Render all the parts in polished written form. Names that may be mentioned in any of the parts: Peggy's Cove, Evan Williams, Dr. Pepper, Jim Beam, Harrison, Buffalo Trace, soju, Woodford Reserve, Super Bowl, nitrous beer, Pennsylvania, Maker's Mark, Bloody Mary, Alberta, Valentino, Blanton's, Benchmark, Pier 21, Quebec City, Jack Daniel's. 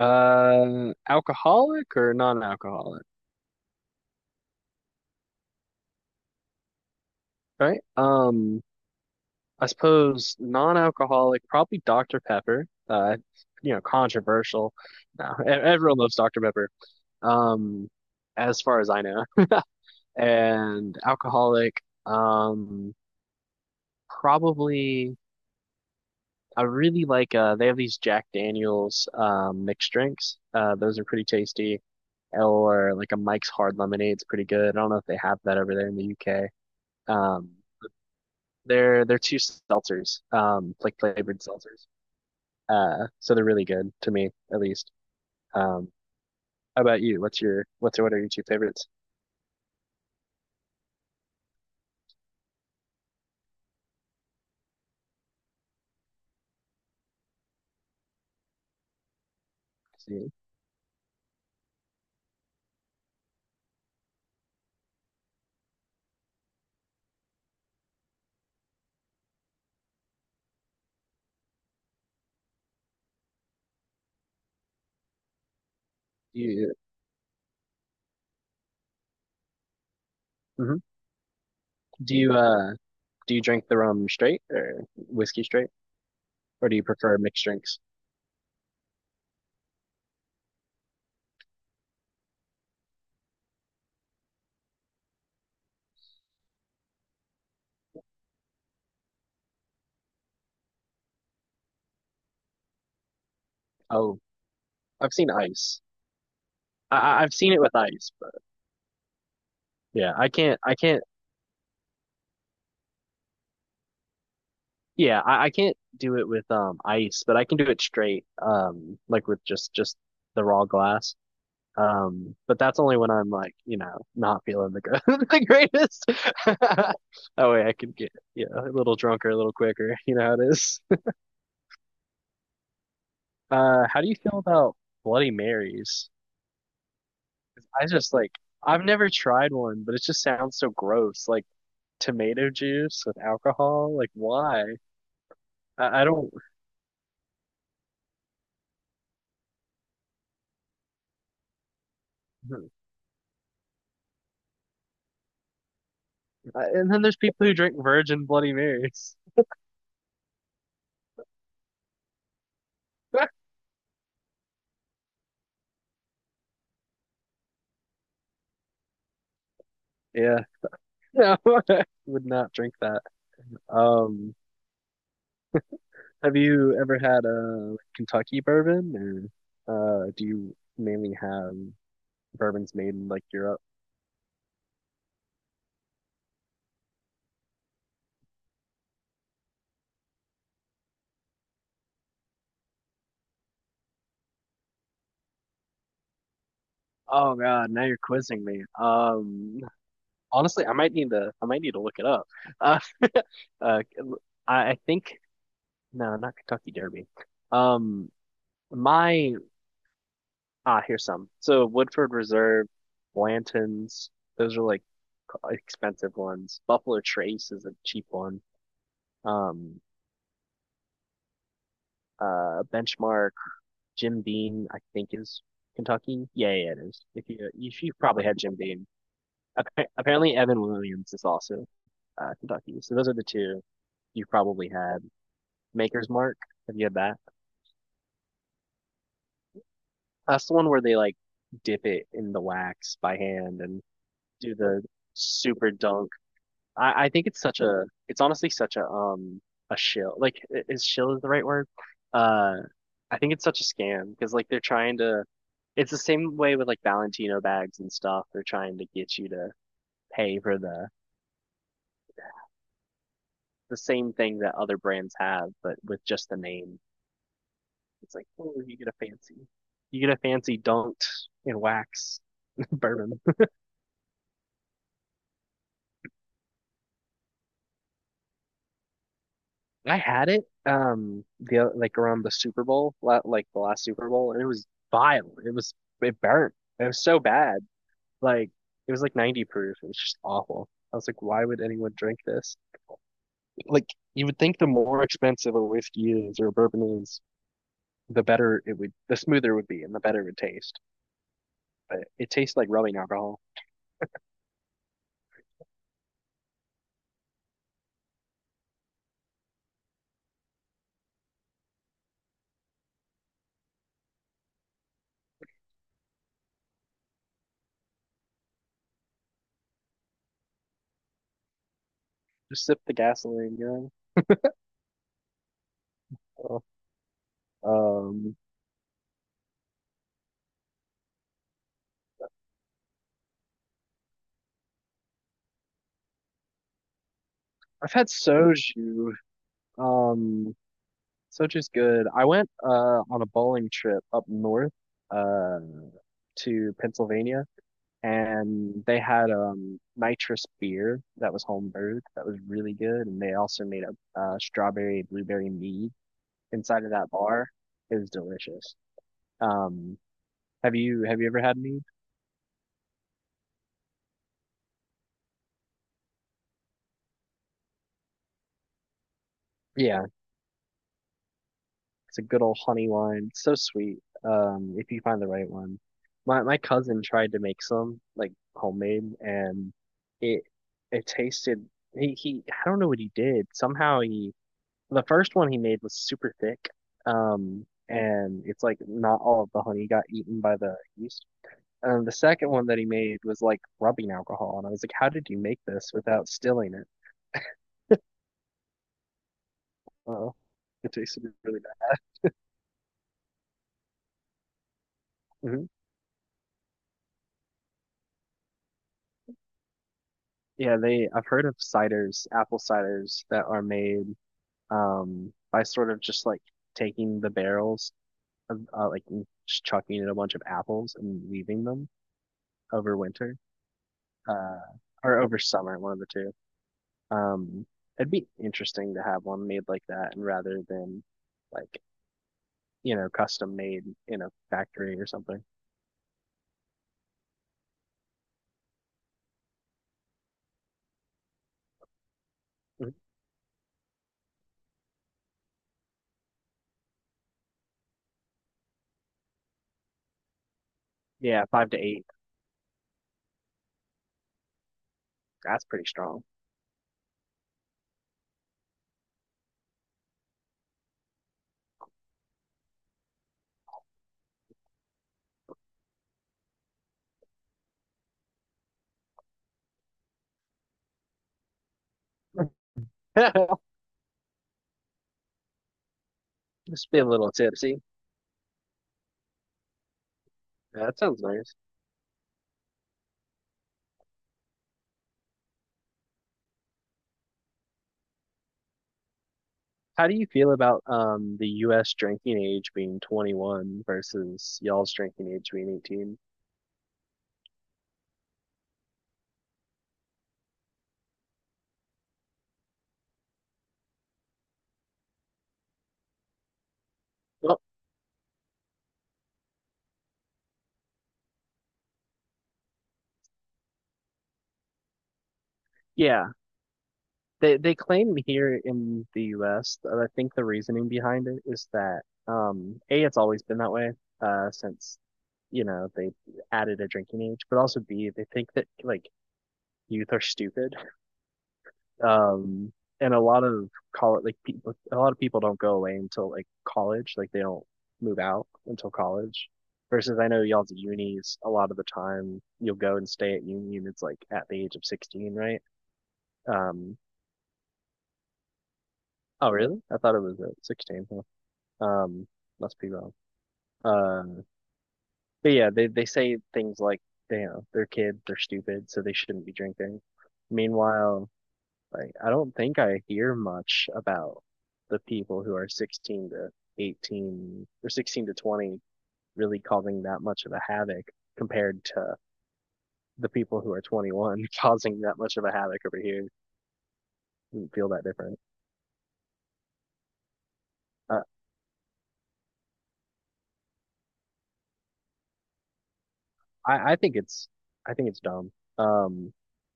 Alcoholic or non-alcoholic, right? I suppose non-alcoholic, probably Dr. Pepper. Controversial. No, everyone loves Dr. Pepper. Um, as far as I know, and alcoholic. Um, Probably. I really like. They have these Jack Daniel's mixed drinks. Those are pretty tasty. Or like a Mike's Hard Lemonade's pretty good. I don't know if they have that over there in the UK. Um. They're two seltzers, like flavored seltzers. So they're really good to me, at least. Um, how about you? What are your two favorites? Do you mhm. do you uh do you drink the rum straight or whiskey straight, or do you prefer mixed drinks? Oh, I've seen ice. I've seen it with ice, but yeah, I can't, yeah, I can't do it with ice, but I can do it straight like with just the raw glass. But that's only when I'm like, you know, not feeling the good, the greatest. That way I can get, you know, a little drunker, a little quicker. You know how it is. How do you feel about Bloody Marys? I just like, I've never tried one, but it just sounds so gross. Like tomato juice with alcohol. Like, why? I don't. And then there's people who drink virgin Bloody Marys. Yeah, no, would not drink that. Um, Have you ever had a Kentucky bourbon, or do you mainly have bourbons made in like Europe? Oh God, now you're quizzing me. Honestly, I might need to look it up. Uh, uh, I think no, not Kentucky Derby. Um, my Here's some. So Woodford Reserve, Blanton's, those are like expensive ones. Buffalo Trace is a cheap one. Um, Benchmark. Jim Beam, I think, is Kentucky. Yeah, yeah, it is. If you, you you probably had Jim Beam. Apparently, Evan Williams is also Kentucky. So those are the two you probably had. Maker's Mark, have you had that? That's the one where they like dip it in the wax by hand and do the super dunk. I think it's such a it's honestly, such a shill, like is shill is the right word? uh I think it's such a scam because like they're trying to, it's the same way with like Valentino bags and stuff, they're trying to get you to pay for the same thing that other brands have but with just the name. It's like, oh, you get a fancy, you get a fancy dunked in wax bourbon. I had it the like around the Super Bowl, like the last Super Bowl, and it was vile. It was it burnt. It was so bad. Like it was like 90 proof. It was just awful. I was like, why would anyone drink this? Like you would think the more expensive a whiskey is or a bourbon is, the better it would, the smoother it would be, and the better it would taste. But it tastes like rubbing alcohol. Just sip the gasoline, you know. So, Um, I've had soju. Um, Sochi's good. I went on a bowling trip up north uh to Pennsylvania and they had nitrous beer that was home brewed that was really good, and they also made a strawberry blueberry mead inside of that bar. It was delicious. Um have you ever had mead? Yeah. It's a good old honey wine. It's so sweet. If you find the right one. My cousin tried to make some like homemade, and it it tasted. He he. I don't know what he did. Somehow he the first one he made was super thick. And it's like not all of the honey got eaten by the yeast. The second one that he made was like rubbing alcohol, and I was like, how did you make this without stilling it? Oh, it tasted really bad. Mhm. Yeah, they I've heard of ciders, apple ciders that are made by sort of just like taking the barrels of like and just chucking in a bunch of apples and leaving them over winter uh or over summer, one of the two. Um It'd be interesting to have one made like that and rather than like, you know, custom made in a factory or something. Mhm. Yeah, five to eight. That's pretty strong. Just be a little tipsy. Yeah, that sounds nice. How do you feel about the US drinking age being 21 versus y'all's drinking age being 18? Well, yeah. They claim here in the US that I think the reasoning behind it is that A, it's always been that way since you know they added a drinking age, but also B, they think that like youth are stupid. Um, and a lot of college, like people, a lot of people don't go away until like college, like they don't move out until college. Versus, I know y'all's at unis. A lot of the time, you'll go and stay at uni, and it's like at the age of 16, right? Um, oh, really? I thought it was at 16. Huh. Um, must be wrong. Uh, but yeah, they say things like, you know, they're kids, they're stupid, so they shouldn't be drinking. Meanwhile, like, I don't think I hear much about the people who are 16 to 18 or 16 to 20 really causing that much of a havoc compared to the people who are 21 causing that much of a havoc over here. Didn't feel that different. Uh, I think I think it's dumb. Um,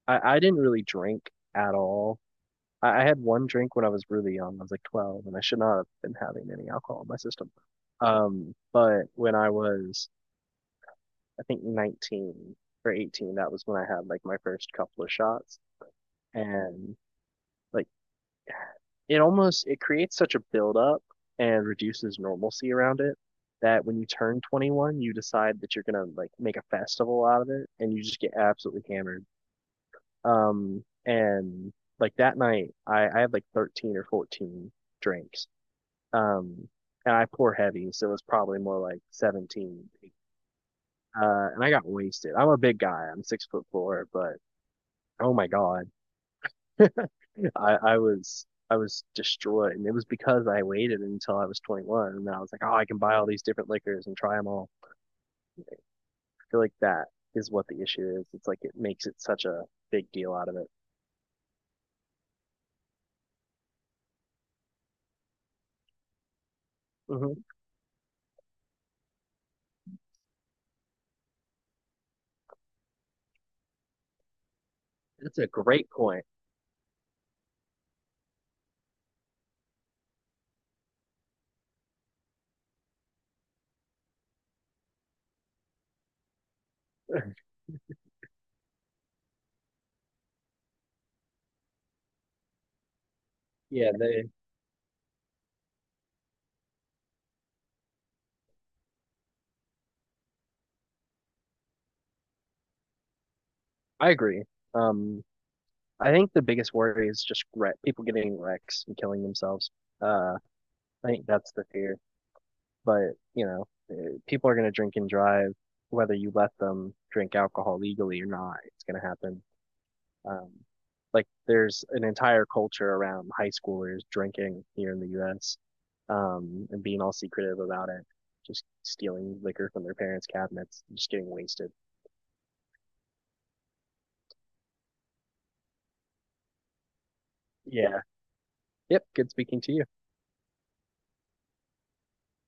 I didn't really drink at all. I had one drink when I was really young. I was like 12, and I should not have been having any alcohol in my system. But when I was I think 19 or 18, that was when I had like my first couple of shots. And like it almost it creates such a buildup and reduces normalcy around it that when you turn 21, you decide that you're gonna like make a festival out of it and you just get absolutely hammered. And like that night, I had like 13 or 14 drinks. Um, and I pour heavy, so it was probably more like 17. And I got wasted. I'm a big guy. I'm 6 foot four, but Oh my God. I was destroyed. And it was because I waited until I was 21 and I was like, oh, I can buy all these different liquors and try them all. I feel like that is what the issue is. It's like it makes it such a big deal out of it. Mhm. That's a great point. Yeah, they I agree. Um, I think the biggest worry is just wreck, people getting wrecks and killing themselves. Uh, I think that's the fear. But, you know, eh, people are going to drink and drive whether you let them drink alcohol legally or not. It's going to happen. Um, like there's an entire culture around high schoolers drinking here in the U.S. And being all secretive about it, just stealing liquor from their parents' cabinets, just getting wasted. Yeah. Yep. Good speaking to you.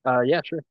Yeah, sure.